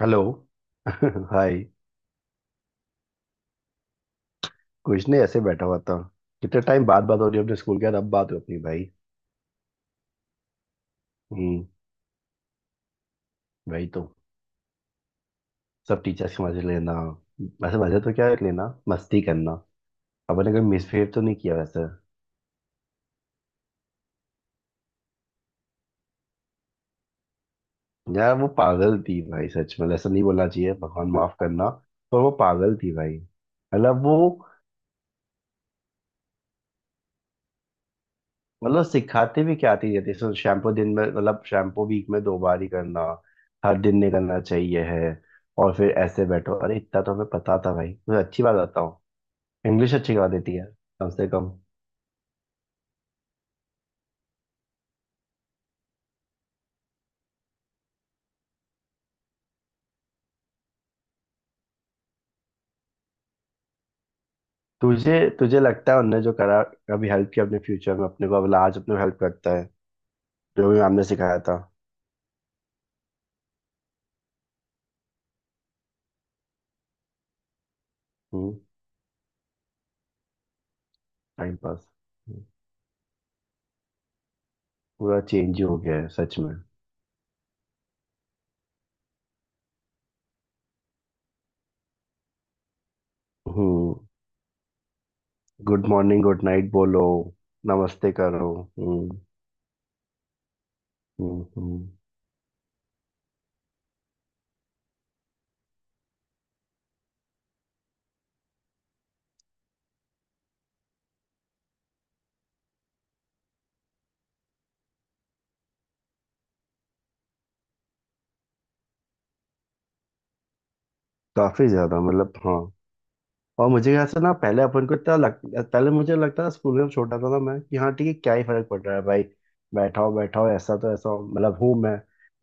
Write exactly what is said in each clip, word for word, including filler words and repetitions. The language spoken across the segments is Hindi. हेलो। हाय। कुछ नहीं, ऐसे बैठा हुआ था। कितने टाइम बाद बात हो रही है अपने स्कूल के यार। अब बात हो अपनी भाई। हम्म। वही तो। सब टीचर्स के मजे लेना। वैसे मजे तो क्या है लेना, मस्ती करना। अपन ने कभी मिसबिहेव तो नहीं किया वैसे। यार वो पागल थी भाई, सच में ऐसा नहीं बोलना चाहिए, भगवान माफ करना। पर वो पागल थी भाई। मतलब वो, मतलब सिखाते भी क्या थी, जैसे शैम्पू दिन में, मतलब शैम्पू वीक में दो बार ही करना। हर दिन नहीं करना चाहिए है। और फिर ऐसे बैठो, अरे इतना तो हमें पता था भाई, तुझे अच्छी बात बताओ। इंग्लिश अच्छी करवा देती है। कम से कम। तुझे तुझे लगता है उनने जो करा कभी हेल्प किया अपने फ्यूचर में, अपने को अब आज अपने हेल्प करता है जो भी मैम ने सिखाया था। हम्म। Time pass. पूरा चेंज ही हो गया है सच में। हम्म। गुड मॉर्निंग गुड नाइट बोलो। नमस्ते करो। हम्म। हम्म। हम्म। काफी ज्यादा, मतलब हाँ। और मुझे ऐसा ना, पहले अपन को इतना लग, पहले मुझे लगता था स्कूल में जब छोटा था ना मैं, कि हाँ ठीक है, क्या ही फर्क पड़ रहा है भाई। बैठाओ बैठाओ ऐसा तो ऐसा हो, मतलब हूँ मैं।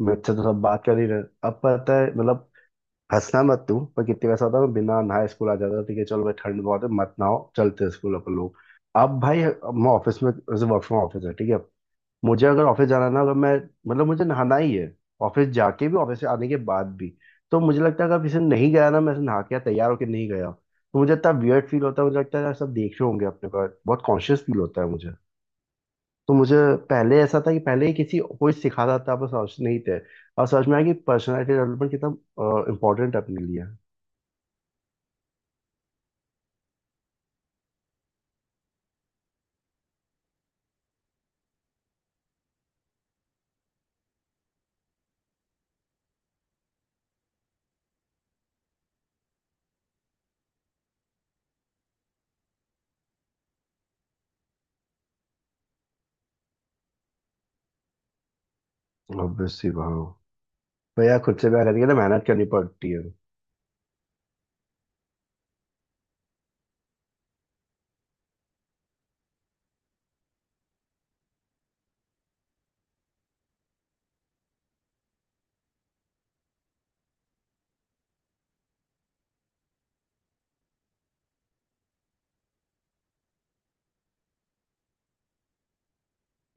मुझसे तो सब बात कर ही रहे। अब पता है मतलब, हंसना मत तू पर, कितनी वैसा होता है, मैं बिना नहाए स्कूल आ जाता था, ठीक है चलो भाई ठंड बहुत है मत नहाओ चलते हैं स्कूल अपन लोग। अब भाई मैं ऑफिस में, वर्क फ्रॉम ऑफिस है ठीक है। मुझे अगर ऑफिस जाना ना, अगर मैं, मतलब मुझे नहाना ही है, ऑफिस जाके भी ऑफिस से आने के बाद भी। तो मुझे लगता है अगर किसी दिन नहीं गया ना मैं, ऐसे नहा के या तैयार होके नहीं गया, तो मुझे इतना वियर्ड फील होता है। मुझे लगता है यार सब देख रहे होंगे, अपने को बहुत कॉन्शियस फील होता है मुझे। तो मुझे, पहले ऐसा था कि पहले ही किसी कोई सिखाता था पर समझ नहीं थे। और समझ में आया कि पर्सनैलिटी डेवलपमेंट कितना इम्पोर्टेंट है अपने लिए। ऑब्वियसली, वाह। भैया खुद से प्यार करने के लिए मेहनत करनी पड़ती है।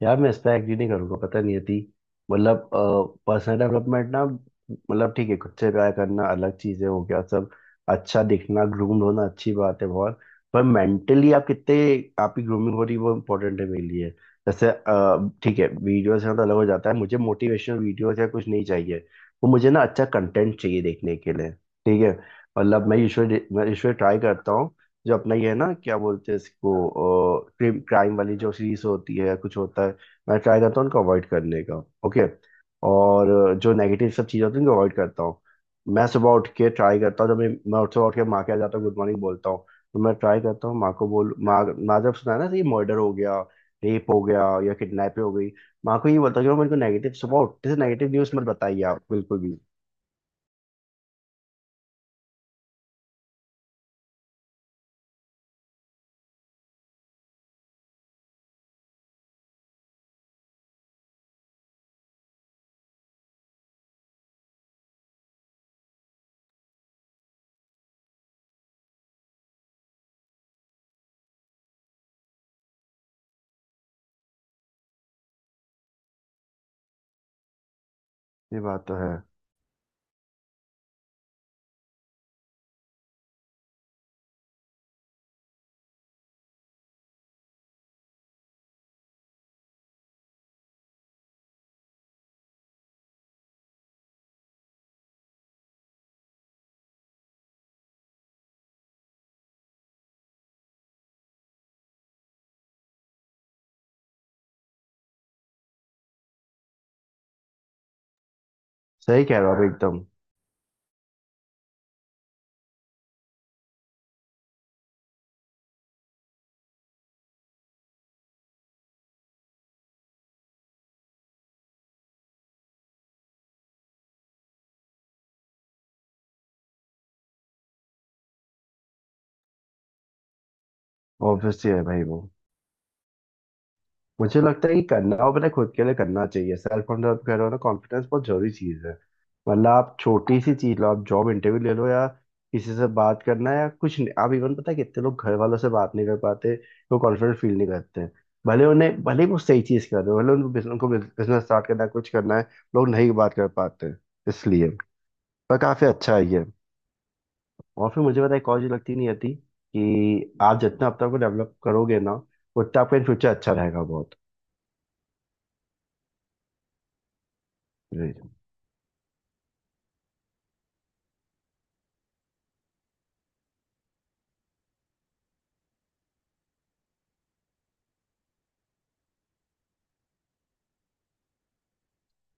यार मैं इस पे एग्री नहीं करूंगा, पता नहीं यदि, मतलब, पर्सनल डेवलपमेंट ना, मतलब ठीक है, खुद से प्यार करना अलग चीजें हो गया सब। अच्छा दिखना, ग्रूम्ड होना, अच्छी बात है बहुत। पर मेंटली आप कितने, आपकी ग्रूमिंग हो रही है वो इम्पोर्टेंट है मेरे लिए। जैसे अ, ठीक है, वीडियोस में तो अलग हो जाता है, मुझे मोटिवेशनल वीडियोस या कुछ नहीं चाहिए। वो मुझे ना अच्छा कंटेंट चाहिए देखने के लिए। ठीक है। मतलब मैं यूजुअली मैं यूजुअली ट्राई करता हूँ जो अपना ये है ना क्या बोलते हैं इसको, क्राइम वाली जो सीरीज होती है या कुछ होता है, मैं ट्राई करता हूँ उनको अवॉइड करने का। ओके। और जो नेगेटिव सब चीज़ें होती हैं उनको अवॉइड करता हूँ। मैं सुबह उठ के ट्राई करता हूँ, जब मैं मैं उठ सुबह उठ के माँ के यहाँ जाता हूँ गुड मॉर्निंग बोलता हूँ, तो मैं ट्राई करता हूँ माँ को बोल, माँ माँ जब सुना है ना तो ये मर्डर हो गया, रेप हो गया, या किडनैप हो गई। माँ को ये बोलता हूँ कि मेरे को नेगेटिव, सुबह उठते से नेगेटिव न्यूज़ मत बताइए आप बिल्कुल भी। ये बात तो है। सही कह रहे हो आप एकदम। ऑब्वियसली है भाई वो। मुझे लगता है कि करना हो, पता है, खुद के लिए करना चाहिए। सेल्फ कॉन्फिडेंस कह रहे हो ना, कॉन्फिडेंस बहुत जरूरी चीज है। मतलब आप छोटी सी चीज लो, आप जॉब इंटरव्यू ले लो या किसी से बात करना है या कुछ नहीं, आप इवन, पता है कितने लोग घर वालों से बात नहीं कर पाते। वो कॉन्फिडेंट फील नहीं करते हैं। भले उन्हें, भले ही वो सही चीज कर रहे हो, भले उनको बिजनेस, उनको बिजनेस स्टार्ट करना है, कुछ करना है, लोग नहीं बात कर पाते हैं। इसलिए, पर काफी अच्छा है ये। और फिर मुझे पता है एक और चीज लगती नहीं आती, कि आप जितना अपने आप को डेवलप करोगे ना, उतना आपका इन फ्यूचर अच्छा रहेगा बहुत। जी।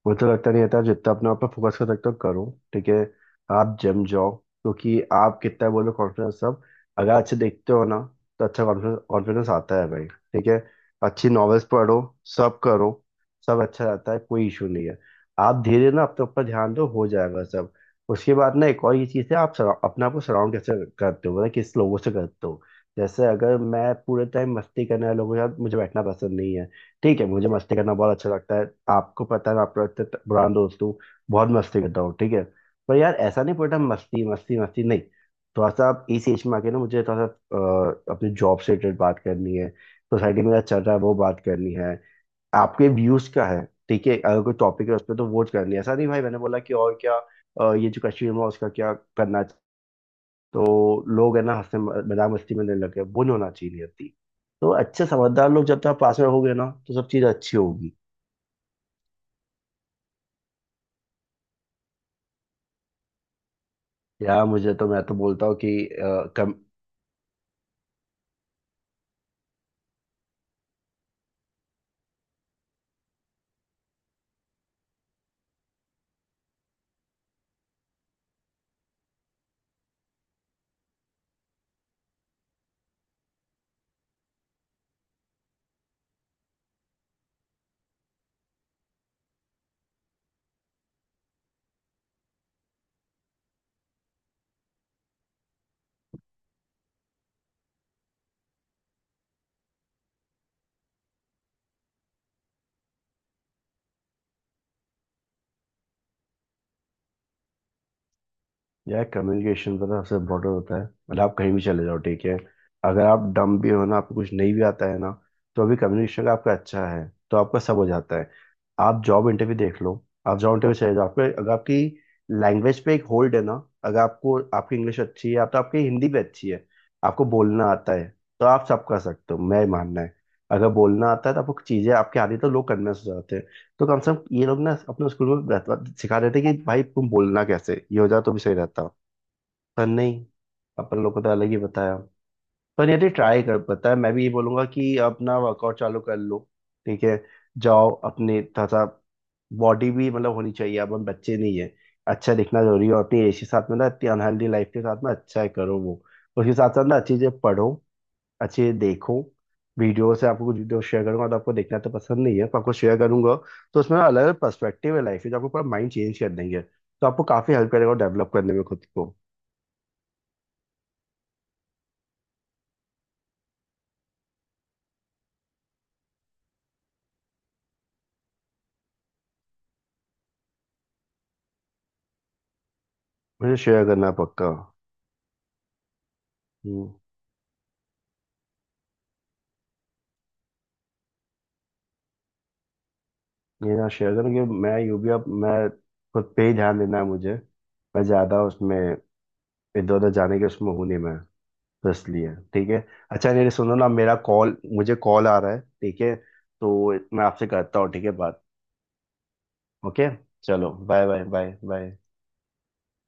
मुझे लगता नहीं आता, जितना अपने आप पे फोकस कर सकते हो करो। ठीक है। आप जिम जाओ, क्योंकि आप कितना बोलो कॉन्फिडेंस सब, अगर अच्छे देखते हो ना, तो अच्छा कॉन्फिडेंस कॉन्फिडेंस आता है भाई ठीक है। अच्छी नॉवेल्स पढ़ो। सब करो। सब अच्छा रहता है, कोई इशू नहीं है। आप धीरे ना अपने ऊपर ध्यान दो, हो जाएगा सब। उसके बाद ना एक और ये चीज़ है, आप surround- अपने आप को सराउंड कैसे करते हो, मतलब किस लोगों से करते हो। जैसे अगर मैं पूरे टाइम मस्ती करने वाले लोगों के साथ, मुझे बैठना पसंद नहीं है। ठीक है, मुझे मस्ती करना बहुत अच्छा लगता है, आपको पता है मैं आपका इतना पुराना दोस्त हूँ, बहुत मस्ती करता हूँ ठीक है। पर यार ऐसा नहीं, पूरा मस्ती मस्ती मस्ती नहीं। थोड़ा सा आप इस एज में आके ना, मुझे थोड़ा सा अ, अपने जॉब से रिलेटेड बात करनी है, सोसाइटी में क्या चल रहा है वो बात करनी है। आपके व्यूज क्या है। ठीक है, अगर कोई टॉपिक है उस पर तो वोट करनी है, ऐसा नहीं भाई, मैंने बोला कि और क्या अ, ये जो कश्मीर में, उसका क्या करना चाहिए। तो लोग है ना, हंसने मजाक मस्ती में लेने लगे, वो नहीं होना चाहिए नियति। तो अच्छे समझदार लोग जब तक पास में होंगे ना, तो सब चीज अच्छी होगी। यार मुझे तो, मैं तो बोलता हूँ कि अ, कम। यार कम्युनिकेशन पता है सबसे इम्पोर्टेंट होता है। मतलब आप कहीं भी चले जाओ ठीक है। अगर आप डम भी हो ना, आपको कुछ नहीं भी आता है ना, तो अभी कम्युनिकेशन आपका अच्छा है तो आपका सब हो जाता है। आप जॉब इंटरव्यू देख लो। आप जॉब इंटरव्यू चले जाओ, आपके अगर आपकी लैंग्वेज पे एक होल्ड है ना, अगर आपको, आपकी इंग्लिश अच्छी है या तो आपकी हिंदी भी अच्छी है, आपको बोलना आता है, तो आप सब कर सकते हो, मैं मानना है। अगर बोलना आता है तो आपको चीज़ें आपके आती है, तो लोग कन्विंस हो जाते हैं। तो कम से कम ये लोग ना, अपने स्कूल में रहता, सिखा देते कि भाई तुम बोलना कैसे, ये हो जाए तो भी सही रहता। पर नहीं, अपन लोग को तो अलग ही बताया। पर यदि ट्राई कर, पता है मैं भी ये बोलूंगा कि अपना वर्कआउट चालू कर लो। ठीक है। जाओ अपने थोड़ा सा, बॉडी भी मतलब होनी चाहिए, अब हम बच्चे नहीं है। अच्छा दिखना जरूरी है, और अपनी एज के साथ में ना, इतनी अनहेल्दी लाइफ के साथ में, अच्छा है करो वो। उसके साथ साथ ना अच्छी चीजें पढ़ो, अच्छे देखो। वीडियो से आपको, कुछ वीडियो शेयर करूंगा, तो आपको देखना तो पसंद नहीं है पर आपको शेयर करूंगा। तो उसमें अलग अलग पर्सपेक्टिव है लाइफ के, जो आपको पूरा माइंड चेंज कर देंगे, तो आपको काफी हेल्प करेगा डेवलप करने में खुद को। मुझे शेयर करना पक्का। हम्म। ये ना शेयर करना कि मैं यू भी, अब मैं खुद पे ही ध्यान देना है मुझे। मैं ज्यादा उसमें इधर उधर जाने के उसमें हूँ नहीं मैं। तो इसलिए ठीक है। अच्छा नहीं, सुनो ना, मेरा कॉल, मुझे कॉल आ रहा है ठीक है, तो मैं आपसे करता हूँ ठीक है बात। ओके। चलो बाय बाय बाय बाय।